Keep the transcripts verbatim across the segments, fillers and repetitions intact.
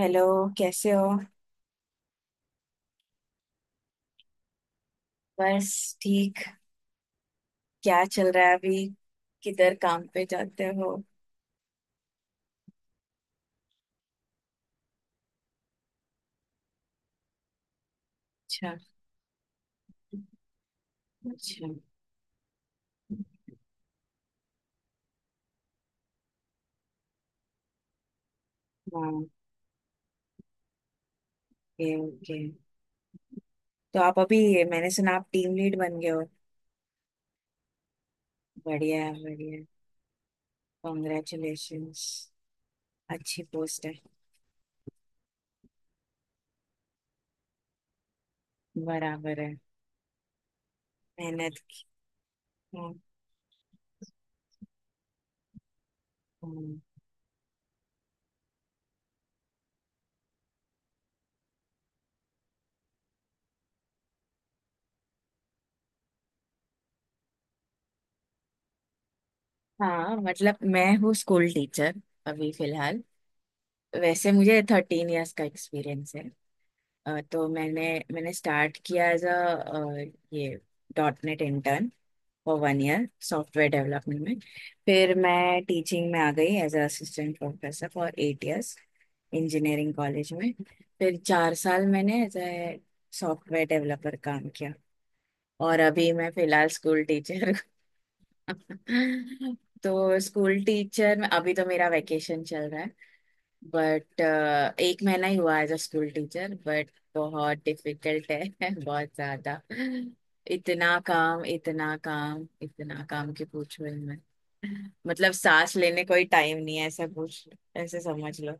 Hello. कैसे हो? बस ठीक। क्या चल रहा है अभी? किधर काम पे जाते हो? अच्छा। अच्छा। हाँ, ओके ओके। तो आप अभी, मैंने सुना आप टीम लीड बन गए हो। बढ़िया है, बढ़िया है। कॉन्ग्रेचुलेशंस। अच्छी पोस्ट है। बराबर है। मेहनत की। हम्म, हम्म। हाँ, मतलब मैं हूँ स्कूल टीचर अभी फिलहाल। वैसे मुझे थर्टीन इयर्स का एक्सपीरियंस है। अ, तो मैंने मैंने स्टार्ट किया एज अ ये dot net intern for one year software development में। फिर मैं टीचिंग में आ गई as a assistant professor for eight years engineering college में। फिर चार साल मैंने एज ए सॉफ्टवेयर डेवलपर काम किया। और अभी मैं फिलहाल स्कूल टीचर। तो स्कूल टीचर में अभी तो मेरा वेकेशन चल रहा है। बट uh, एक महीना ही हुआ as a school teacher, but बहुत डिफिकल्ट है। बहुत ज्यादा। इतना काम, इतना काम, इतना काम कि पूछो ही मत। मतलब सांस लेने कोई टाइम नहीं है, ऐसा पूछ, ऐसे समझ लो।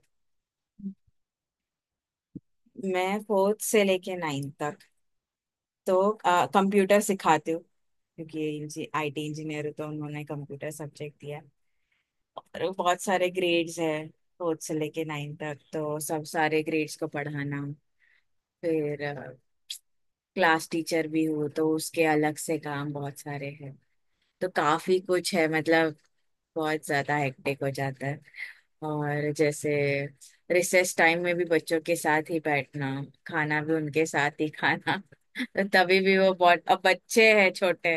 मैं फोर्थ से लेके नाइन्थ तक तो कंप्यूटर सिखाती हूँ। क्योंकि आईटी इंजीनियर हूँ तो उन्होंने कंप्यूटर सब्जेक्ट दिया, और बहुत सारे ग्रेड्स हैं। फोर्थ से लेके नाइन्थ तक तो सब सारे ग्रेड्स को पढ़ाना। फिर क्लास टीचर भी हूँ तो उसके अलग से काम बहुत सारे हैं। तो काफी कुछ है मतलब, बहुत ज्यादा हेक्टिक हो जाता है। और जैसे रिसेस टाइम में भी बच्चों के साथ ही बैठना, खाना भी उनके साथ ही खाना तो तभी भी वो बहुत, अब बच्चे हैं छोटे।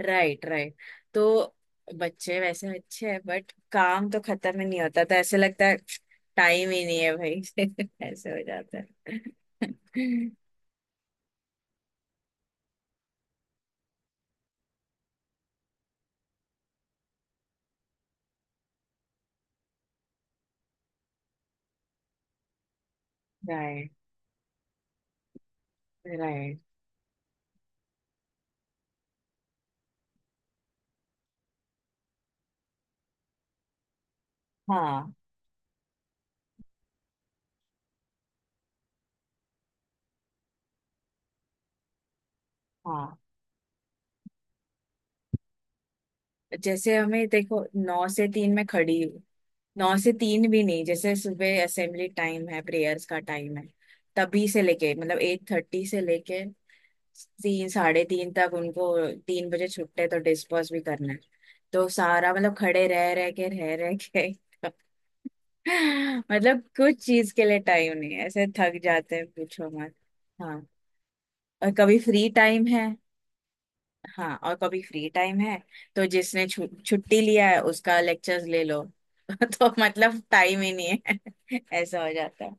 Right right. तो बच्चे वैसे अच्छे हैं बट काम तो खत्म ही नहीं होता, तो ऐसे लगता है टाइम ही नहीं है भाई। ऐसे हो जाता है। Right right. हाँ हाँ। जैसे हमें देखो, नौ से तीन में खड़ी हूँ। नौ से तीन भी नहीं, जैसे सुबह असेंबली टाइम है, प्रेयर्स का टाइम है, तभी से लेके मतलब एट थर्टी से लेके तीन साढ़े तीन तक उनको। तीन बजे छुट्टे तो डिस्पर्स भी करना है। तो सारा मतलब खड़े रह रह के रह रह के मतलब कुछ चीज के लिए टाइम नहीं है। ऐसे थक जाते हैं, पूछो मत। हाँ, और कभी फ्री टाइम है। हाँ और कभी फ्री टाइम है तो जिसने छु, छुट्टी लिया है उसका लेक्चर्स ले लो। तो मतलब टाइम ही नहीं है। ऐसा हो जाता है।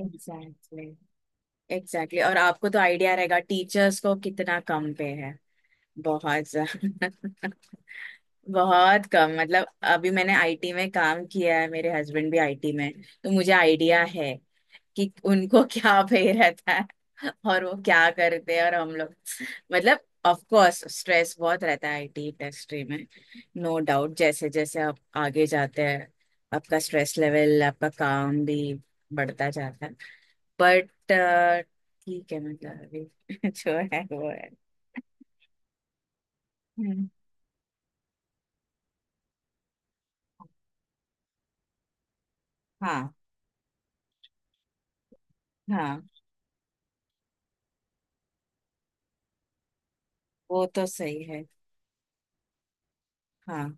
Exactly exactly। Exactly exactly। और आपको तो आइडिया रहेगा टीचर्स को कितना कम पे है। बहुत ज्यादा। बहुत कम मतलब। अभी मैंने आईटी में काम किया है, मेरे हस्बैंड भी आईटी में, तो मुझे आइडिया है कि उनको क्या भय रहता है और वो क्या करते हैं, और हम लोग, मतलब ऑफ कोर्स स्ट्रेस बहुत रहता है आईटी इंडस्ट्री में। नो डाउट, जैसे जैसे आप आगे जाते हैं, आपका स्ट्रेस लेवल, आपका काम भी बढ़ता जाता है। बट ठीक है मतलब, अभी जो है वो है। हम्म। हाँ। हाँ, वो तो सही है। हाँ,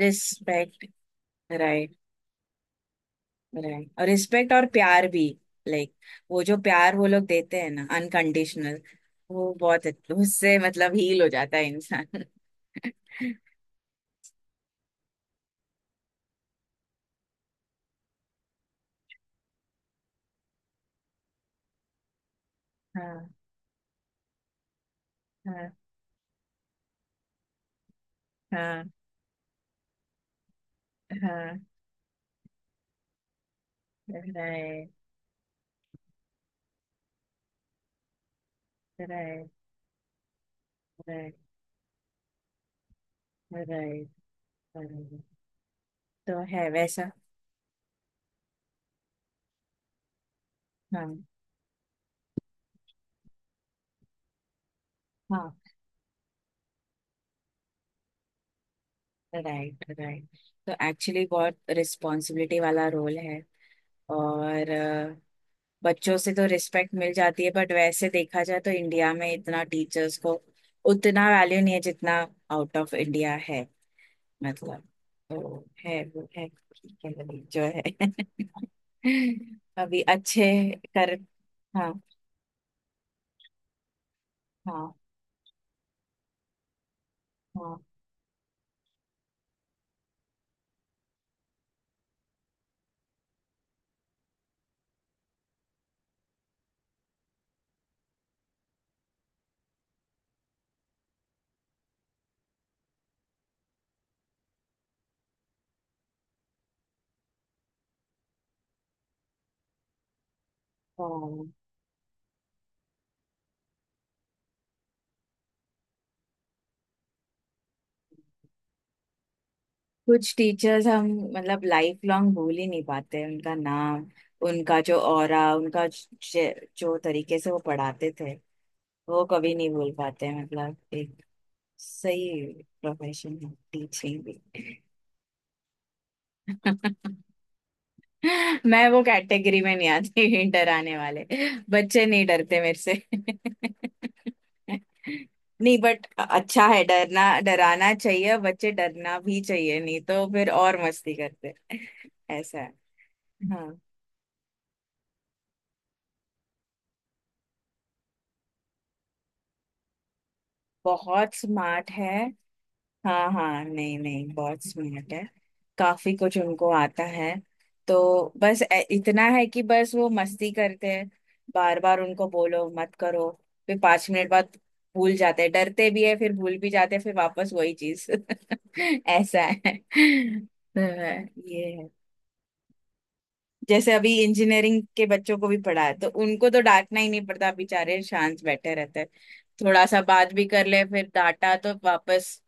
रिस्पेक्ट। Right right. और रिस्पेक्ट और प्यार भी। लाइक, वो जो प्यार वो लोग देते हैं ना अनकंडीशनल, वो बहुत अच्छ- उससे मतलब हील हो जाता है इंसान। हाँ हाँ। हाँ हाँ। Right right. Right right right. तो है वैसा। हाँ हाँ। Right right. तो एक्चुअली बहुत रिस्पॉन्सिबिलिटी वाला रोल है। और बच्चों से तो रिस्पेक्ट मिल जाती है बट वैसे देखा जाए तो इंडिया में इतना टीचर्स को उतना वैल्यू नहीं है जितना आउट ऑफ इंडिया है। मतलब, तो है वो है। ठीक है भाई, जो है। अभी अच्छे कर। हाँ हाँ। हाँ हाँ। कुछ टीचर्स हम मतलब लाइफ लॉन्ग भूल ही नहीं पाते उनका नाम, उनका जो ऑरा, उनका ज- जो तरीके से वो पढ़ाते थे वो कभी नहीं भूल पाते। मतलब एक सही प्रोफेशन है टीचिंग भी। मैं वो कैटेगरी में नहीं आती, डराने वाले। बच्चे नहीं डरते मेरे से। नहीं बट अच्छा है डरना, डराना चाहिए बच्चे, डरना भी चाहिए नहीं तो फिर और मस्ती करते। ऐसा है। हाँ बहुत स्मार्ट है। हाँ हाँ नहीं नहीं बहुत स्मार्ट है, काफी कुछ उनको आता है। तो बस ए- इतना है कि बस वो मस्ती करते हैं, बार बार उनको बोलो मत करो, फिर पांच मिनट बाद भूल जाते हैं, डरते भी है फिर भूल भी जाते हैं फिर वापस वही चीज। ऐसा है तो ये है। जैसे अभी इंजीनियरिंग के बच्चों को भी पढ़ा है तो उनको तो डांटना ही नहीं पड़ता, बेचारे शांत बैठे रहते हैं, थोड़ा सा बात भी कर ले फिर डांटा तो वापस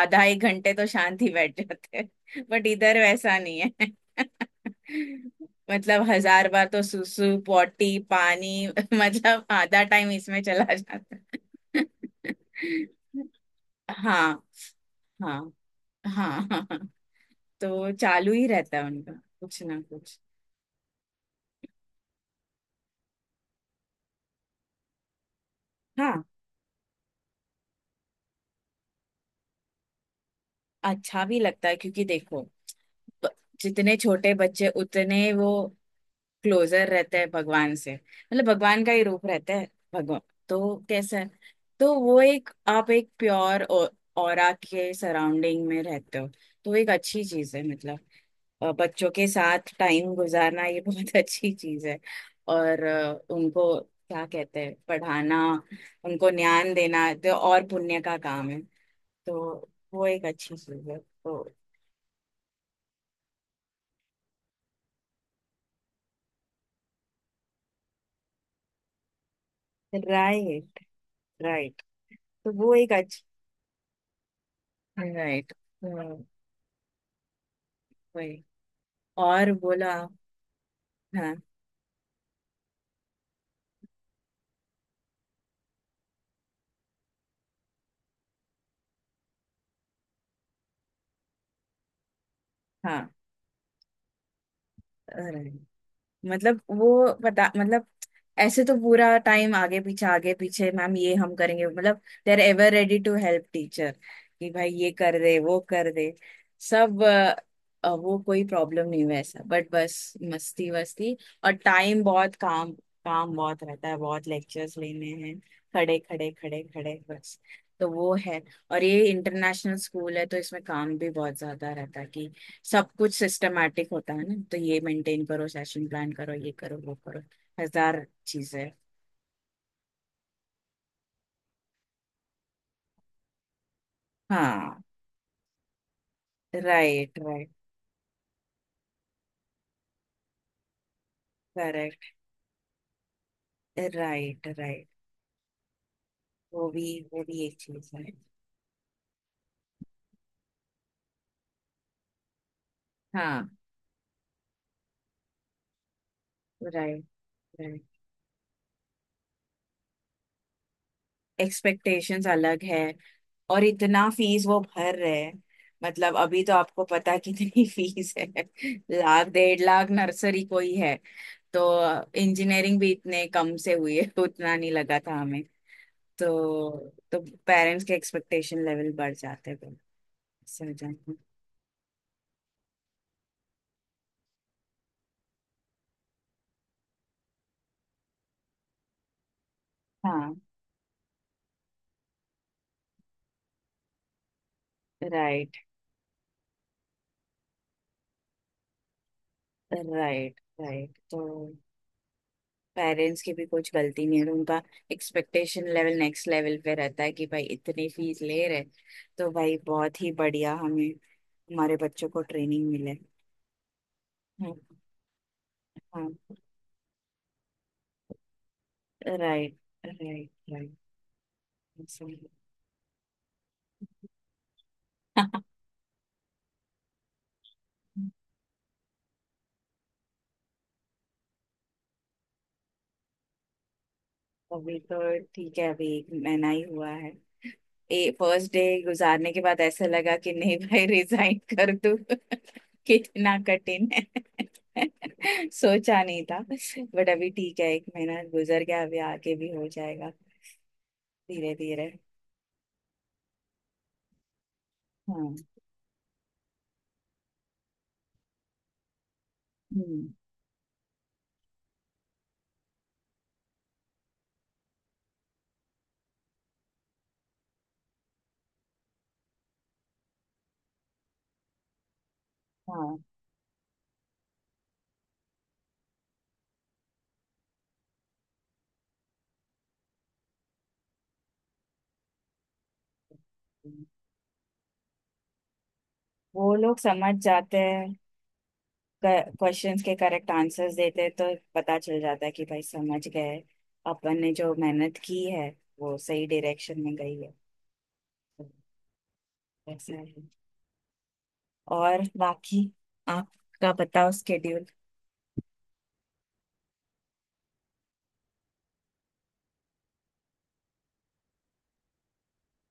आधा एक घंटे तो शांत ही बैठ जाते हैं। बट इधर वैसा नहीं है। मतलब हजार बार तो सुसु पॉटी पानी मतलब आधा टाइम इसमें चला जाता है। हाँ हाँ। हाँ हाँ। तो चालू ही रहता है उनका कुछ ना कुछ। हाँ अच्छा भी लगता है क्योंकि देखो, ब- जितने छोटे बच्चे उतने वो क्लोजर रहते हैं भगवान से, मतलब भगवान का ही रूप रहता है भगवान। तो कैसा है। तो वो एक, आप एक प्योर ऑरा के सराउंडिंग में रहते हो, तो एक अच्छी चीज है मतलब। अ, बच्चों के साथ टाइम गुजारना ये बहुत अच्छी चीज है। और अ, उनको क्या कहते हैं पढ़ाना, उनको ज्ञान देना तो और पुण्य का काम है, तो वो एक अच्छी चीज है। तो राइट राइट। तो वो एक। राइट। वही, और बोला। हाँ हाँ। राइट। मतलब वो पता मतलब ऐसे तो पूरा टाइम आगे पीछे आगे पीछे मैम ये हम करेंगे, मतलब they are ever ready to help teacher कि भाई ये कर दे, वो कर दे, सब अ, अ, वो कोई प्रॉब्लम नहीं वैसा बट बस मस्ती वस्ती। और टाइम बहुत काम, काम बहुत रहता है, बहुत लेक्चर्स लेने हैं, खड़े खड़े खड़े खड़े बस, तो वो है। और ये इंटरनेशनल स्कूल है तो इसमें काम भी बहुत ज्यादा रहता है कि सब कुछ सिस्टमेटिक होता है ना, तो ये मेंटेन करो, सेशन प्लान करो, ये करो वो करो, हजार चीजें। हाँ right right. Correct. Right right. वो भी, वो भी एक चीज है। हाँ राइट राइट। एक्सपेक्टेशंस अलग है, और इतना फीस वो भर रहे हैं, मतलब अभी तो आपको पता कितनी फीस है। लाख डेढ़ लाख नर्सरी कोई है तो। इंजीनियरिंग भी इतने कम से हुई है तो उतना नहीं लगा था हमें। तो तो पेरेंट्स के एक्सपेक्टेशन लेवल बढ़ जाते हैं फिर, इससे हो जाता है। हाँ राइट राइट राइट। तो पेरेंट्स की भी कुछ गलती नहीं है, तो उनका एक्सपेक्टेशन लेवल नेक्स्ट लेवल पे रहता है कि भाई इतनी फीस ले रहे तो भाई बहुत ही बढ़िया हमें हमारे बच्चों को ट्रेनिंग मिले। हम्म, हाँ राइट राइट राइट। अभी तो ठीक है, अभी एक महीना ही हुआ है। ए फर्स्ट डे गुजारने के बाद ऐसा लगा कि नहीं भाई रिजाइन कर दूं, कितना कठिन है। सोचा नहीं था बट अभी ठीक है, एक महीना गुजर गया, अभी आगे भी हो जाएगा धीरे धीरे। हाँ हम्म हाँ, वो लोग समझ जाते हैं, क्वेश्चंस के करेक्ट आंसर्स देते हैं तो पता चल जाता है कि भाई समझ गए, अपन ने जो मेहनत की है वो सही डायरेक्शन में गई है। तो ऐसा है, और बाकी आपका बताओ स्केड्यूल।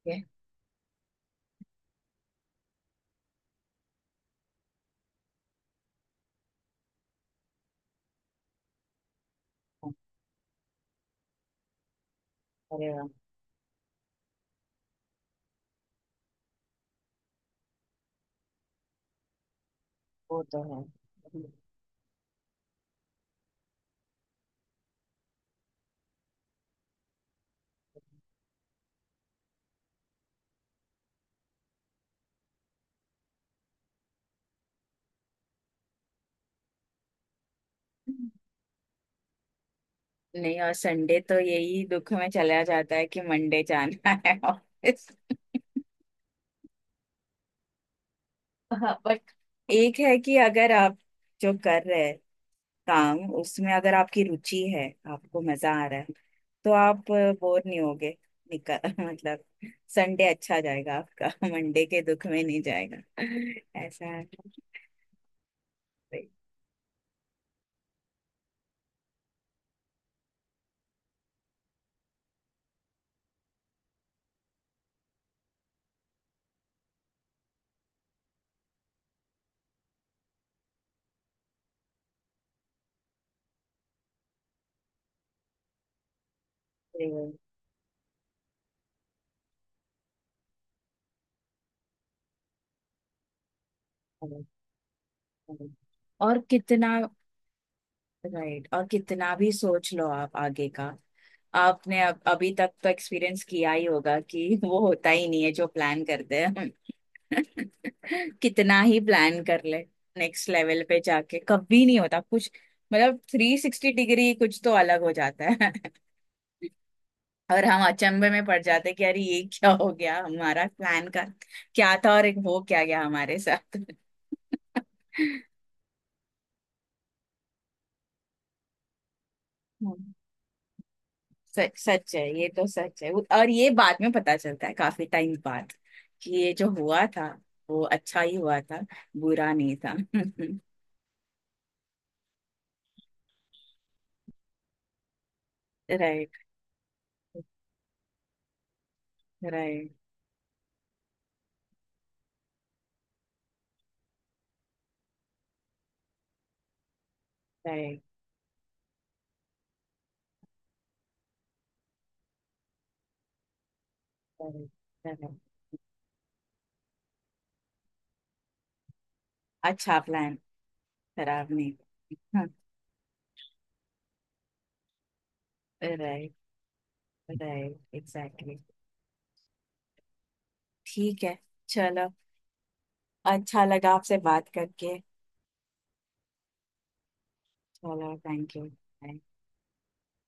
है। अरे वाह, वो तो है। नहीं और संडे तो यही दुख में चला जाता है कि मंडे जाना है ऑफिस। हाँ बट एक है कि अगर आप जो कर रहे हैं काम उसमें अगर आपकी रुचि है, आपको मजा आ रहा है तो आप बोर नहीं होगे, निकल मतलब संडे अच्छा जाएगा आपका, मंडे के दुख में नहीं जाएगा। ऐसा है। और कितना राइट, और कितना भी सोच लो आप आगे का, आपने अब अभी तक तो एक्सपीरियंस किया ही होगा कि वो होता ही नहीं है जो प्लान करते हैं हम। कितना ही प्लान कर ले, नेक्स्ट लेवल पे जाके कभी नहीं होता कुछ, मतलब थ्री सिक्सटी डिग्री कुछ तो अलग हो जाता है। और हम अचंभे में पड़ जाते हैं कि अरे ये क्या हो गया हमारा प्लान का क्या था और एक हो क्या गया हमारे साथ। सच सच है, ये तो सच है। और ये बाद में पता चलता है काफी टाइम बाद कि ये जो हुआ था वो अच्छा ही हुआ था, बुरा नहीं था। Right right. Right right. अच्छा प्लान खराब नहीं। हाँ राइट राइट एग्जैक्टली। ठीक है, चलो, अच्छा लगा आपसे बात करके, चलो थैंक यू।